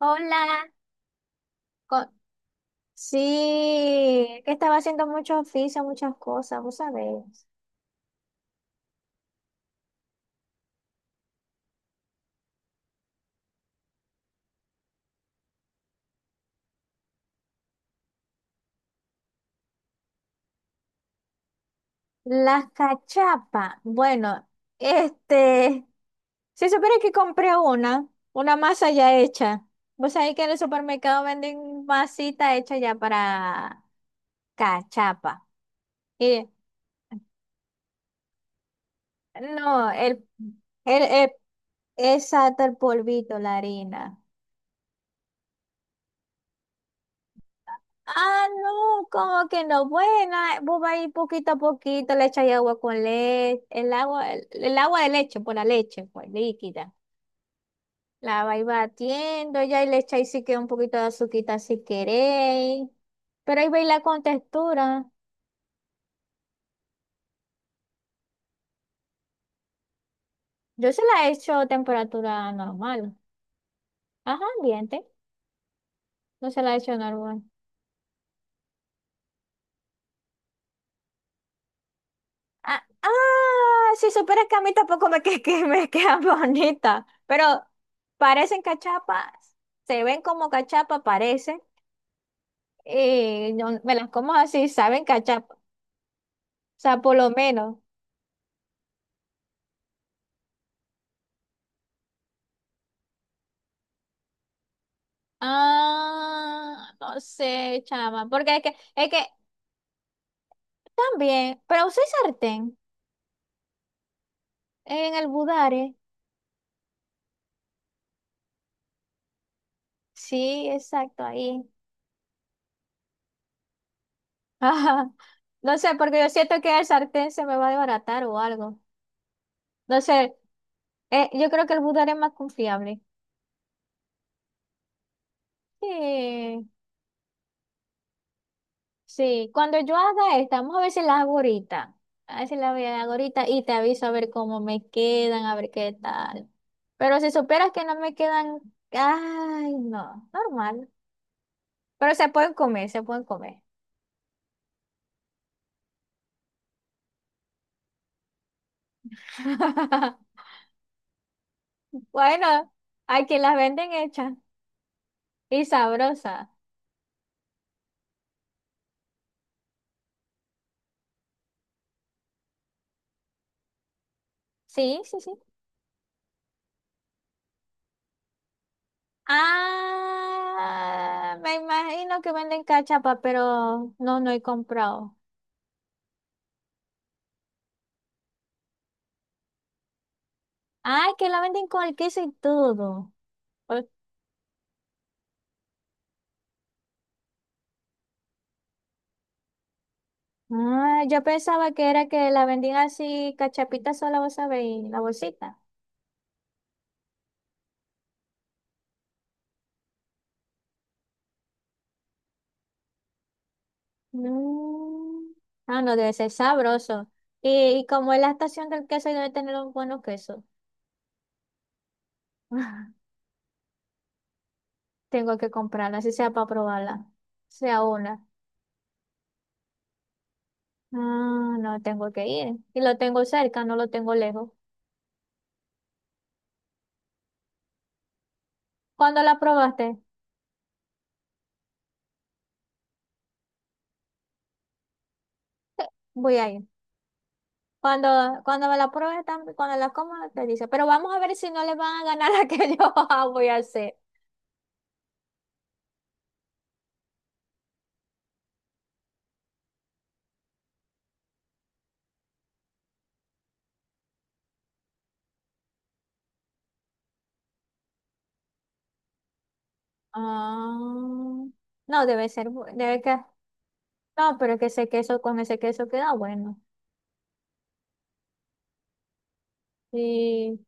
Hola, co- sí, que estaba haciendo muchos oficios, muchas cosas, vos sabés. Las cachapas, bueno, este, si supieras que compré una masa ya hecha. Vos sabés que en el supermercado venden masita hecha ya para cachapa. Y no, el, exacto, el polvito, la harina. Ah, no, como que no, buena, vos vas a ir poquito a poquito, le echáis agua con leche, el agua de leche, por la leche, pues, líquida. La vais batiendo ya y le echáis si queda un poquito de azuquita si queréis. Pero ahí veis la con textura. Yo se la he hecho a temperatura normal. Ajá, ambiente. No se la he hecho normal. Ah, ah, si supieras que a mí tampoco me, que me quedan bonitas, pero parecen cachapas, se ven como cachapas, parecen, y me las como así, saben cachapas, o sea, por lo menos. Ah, no sé, chama, es que también, pero usé sartén en el budare, sí, exacto, ahí. Ajá. No sé, porque yo siento que el sartén se me va a desbaratar o algo. No sé, yo creo que el budare es más confiable. Sí, sí, cuando yo haga esta, vamos a ver si la hago ahorita. A ver si hago ahorita y te aviso a ver cómo me quedan, a ver qué tal. Pero si supieras que no me quedan, ay, no, normal. Pero se pueden comer, se pueden comer. Bueno, hay quien las venden hechas y sabrosas. Sí, sí, sí. Ah, me imagino que venden cachapa, pero no, no he comprado. Ay, que la venden con el queso y todo. Ah, yo pensaba que era que la vendían así, cachapita sola, vos sabés, y la bolsita. No. Ah, no, debe ser sabroso. Y como es la estación del queso, y debe tener un buenos quesos. Tengo que comprarla, así sea para probarla. Sea una. Ah, no, tengo que ir. Y lo tengo cerca, no lo tengo lejos. ¿Cuándo la probaste? Voy a ir. Cuando, cuando me la pruebe, cuando la coma, te dice, pero vamos a ver si no le van a ganar la que yo voy a hacer. Ah, no, debe ser, no, pero que ese queso, con ese queso queda bueno. Sí,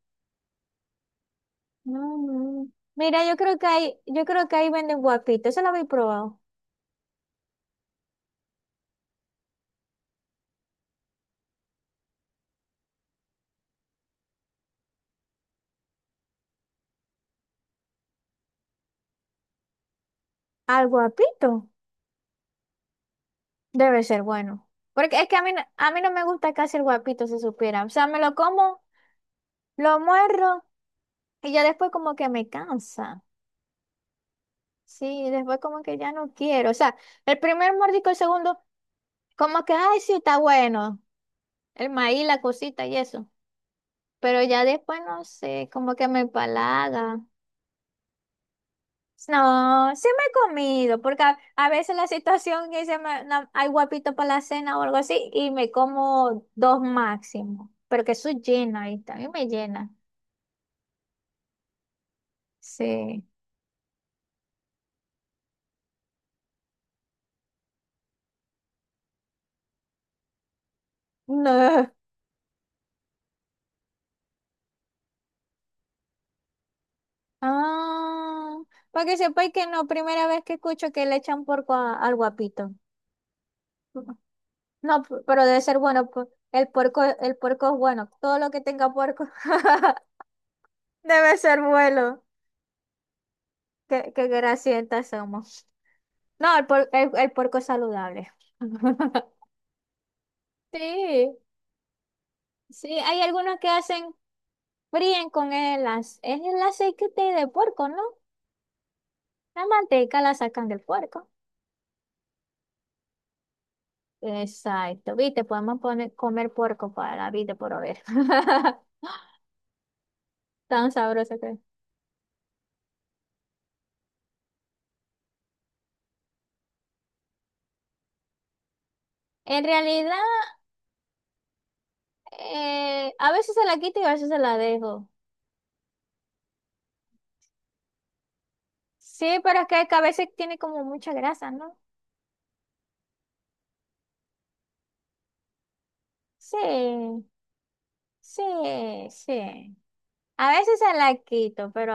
no, no. Mira, yo creo que ahí venden guapito, eso lo habéis probado. Al guapito, debe ser bueno. Porque es que a mí, a mí no me gusta casi el guapito, si supiera. O sea, me lo como, lo muerdo y ya después como que me cansa. Sí, después como que ya no quiero. O sea, el primer mordisco, el segundo, como que, ay, sí, está bueno. El maíz, la cosita y eso. Pero ya después no sé, como que me empalaga. No, sí me he comido, porque a veces la situación que se me, no, hay guapito para la cena o algo así, y me como dos máximo, pero que eso llena ahí, también me llena. Sí. No. Ah, para que sepáis que no, primera vez que escucho que le echan porco al guapito. No, pero debe ser bueno, el puerco es bueno, todo lo que tenga puerco debe ser bueno. Qué, qué grasientas somos. No, el puerco es saludable. Sí, sí, hay algunos que hacen, fríen con es el aceite de puerco, ¿no? La manteca la sacan del puerco. Exacto, viste, podemos poner, comer puerco para la vida por haber. Tan sabroso que es. En realidad, a veces se la quito y a veces se la dejo. Sí, pero es que a veces tiene como mucha grasa, ¿no? Sí, sí, sí. A veces se la quito, pero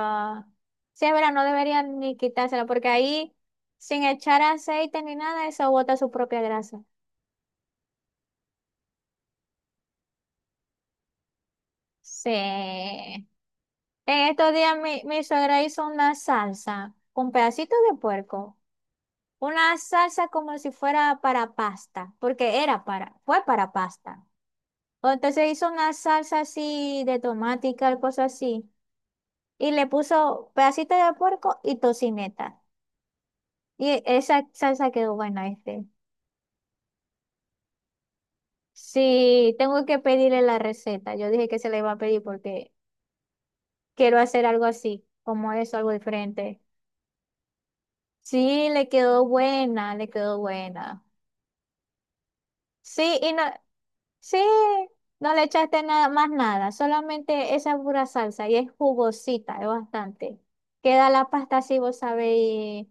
sí es verdad, no deberían ni quitársela, porque ahí, sin echar aceite ni nada, eso bota su propia grasa. Sí. En estos días mi suegra hizo una salsa con pedacitos de puerco. Una salsa como si fuera para pasta, porque era para, fue para pasta. O entonces hizo una salsa así de tomate y tal cosa así. Y le puso pedacitos de puerco y tocineta. Y esa salsa quedó buena, este. Sí, tengo que pedirle la receta. Yo dije que se la iba a pedir porque quiero hacer algo así, como eso, algo diferente. Sí, le quedó buena, le quedó buena. Sí, y no, sí, no le echaste nada más nada, solamente esa pura salsa y es jugosita, es bastante. Queda la pasta así, vos sabéis,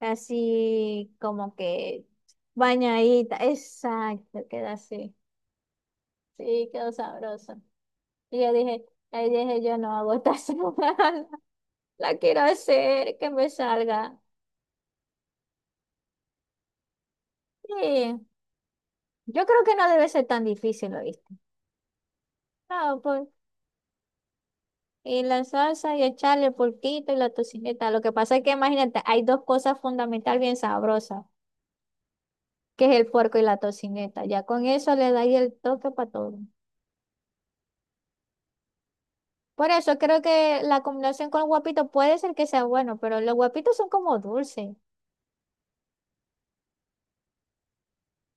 así como que bañadita. Exacto, queda así. Sí, quedó sabroso. Y yo dije, ahí dije, yo no hago esta semana, la quiero hacer, que me salga. Sí, yo creo que no debe ser tan difícil, ¿lo viste? No, pues, y la salsa y echarle el porquito y la tocineta. Lo que pasa es que imagínate, hay dos cosas fundamental bien sabrosas, que es el puerco y la tocineta. Ya con eso le da ahí el toque para todo. Por eso creo que la combinación con el guapito puede ser que sea bueno, pero los guapitos son como dulces.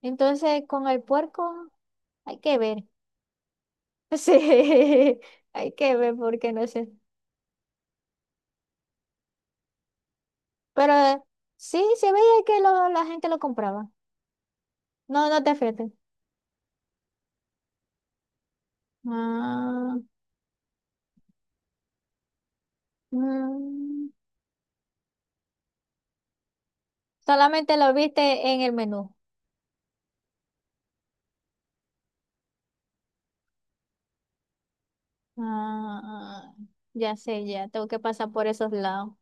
Entonces, con el puerco hay que ver. Sí, hay que ver porque no sé. Pero sí, se veía que la gente lo compraba. No, no te fíes. Ah, mm, solamente lo viste en el menú. Ah, ya sé, ya tengo que pasar por esos lados.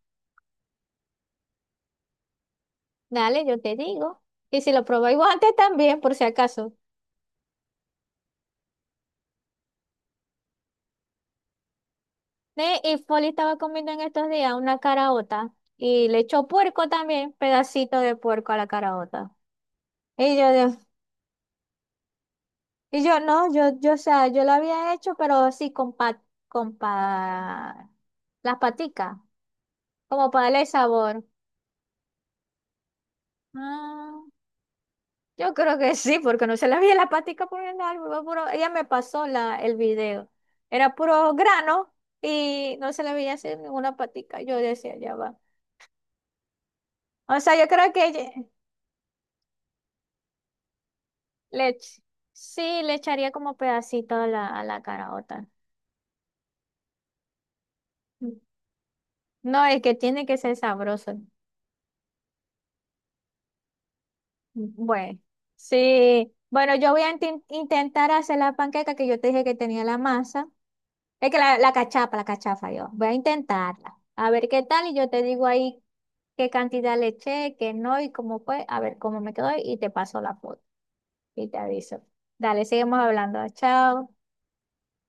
Dale, yo te digo. Y si lo probáis vos antes también, por si acaso. Ne, y Foli estaba comiendo en estos días una caraota y le echó puerco también, pedacito de puerco a la caraota. Y yo, Dios. Y yo, no, o sea, yo lo había hecho, pero sí con con pa- las paticas, como para darle sabor. Ah, yo creo que sí, porque no se la vi la patica poniendo algo, fue ella me pasó la, el video. Era puro grano y no se le veía hacer ninguna patica. Yo decía, ya va. O sea, yo creo que ella- le, ech- sí le echaría como pedacito a la caraota. No, es que tiene que ser sabroso. Bueno, sí. Bueno, yo voy a intentar hacer la panqueca que yo te dije que tenía la masa. Es que la cachapa, la cachafa, yo. Voy a intentarla. A ver qué tal y yo te digo ahí qué cantidad le eché, qué no y cómo fue. A ver cómo me quedó y te paso la foto y te aviso. Dale, seguimos hablando. Chao.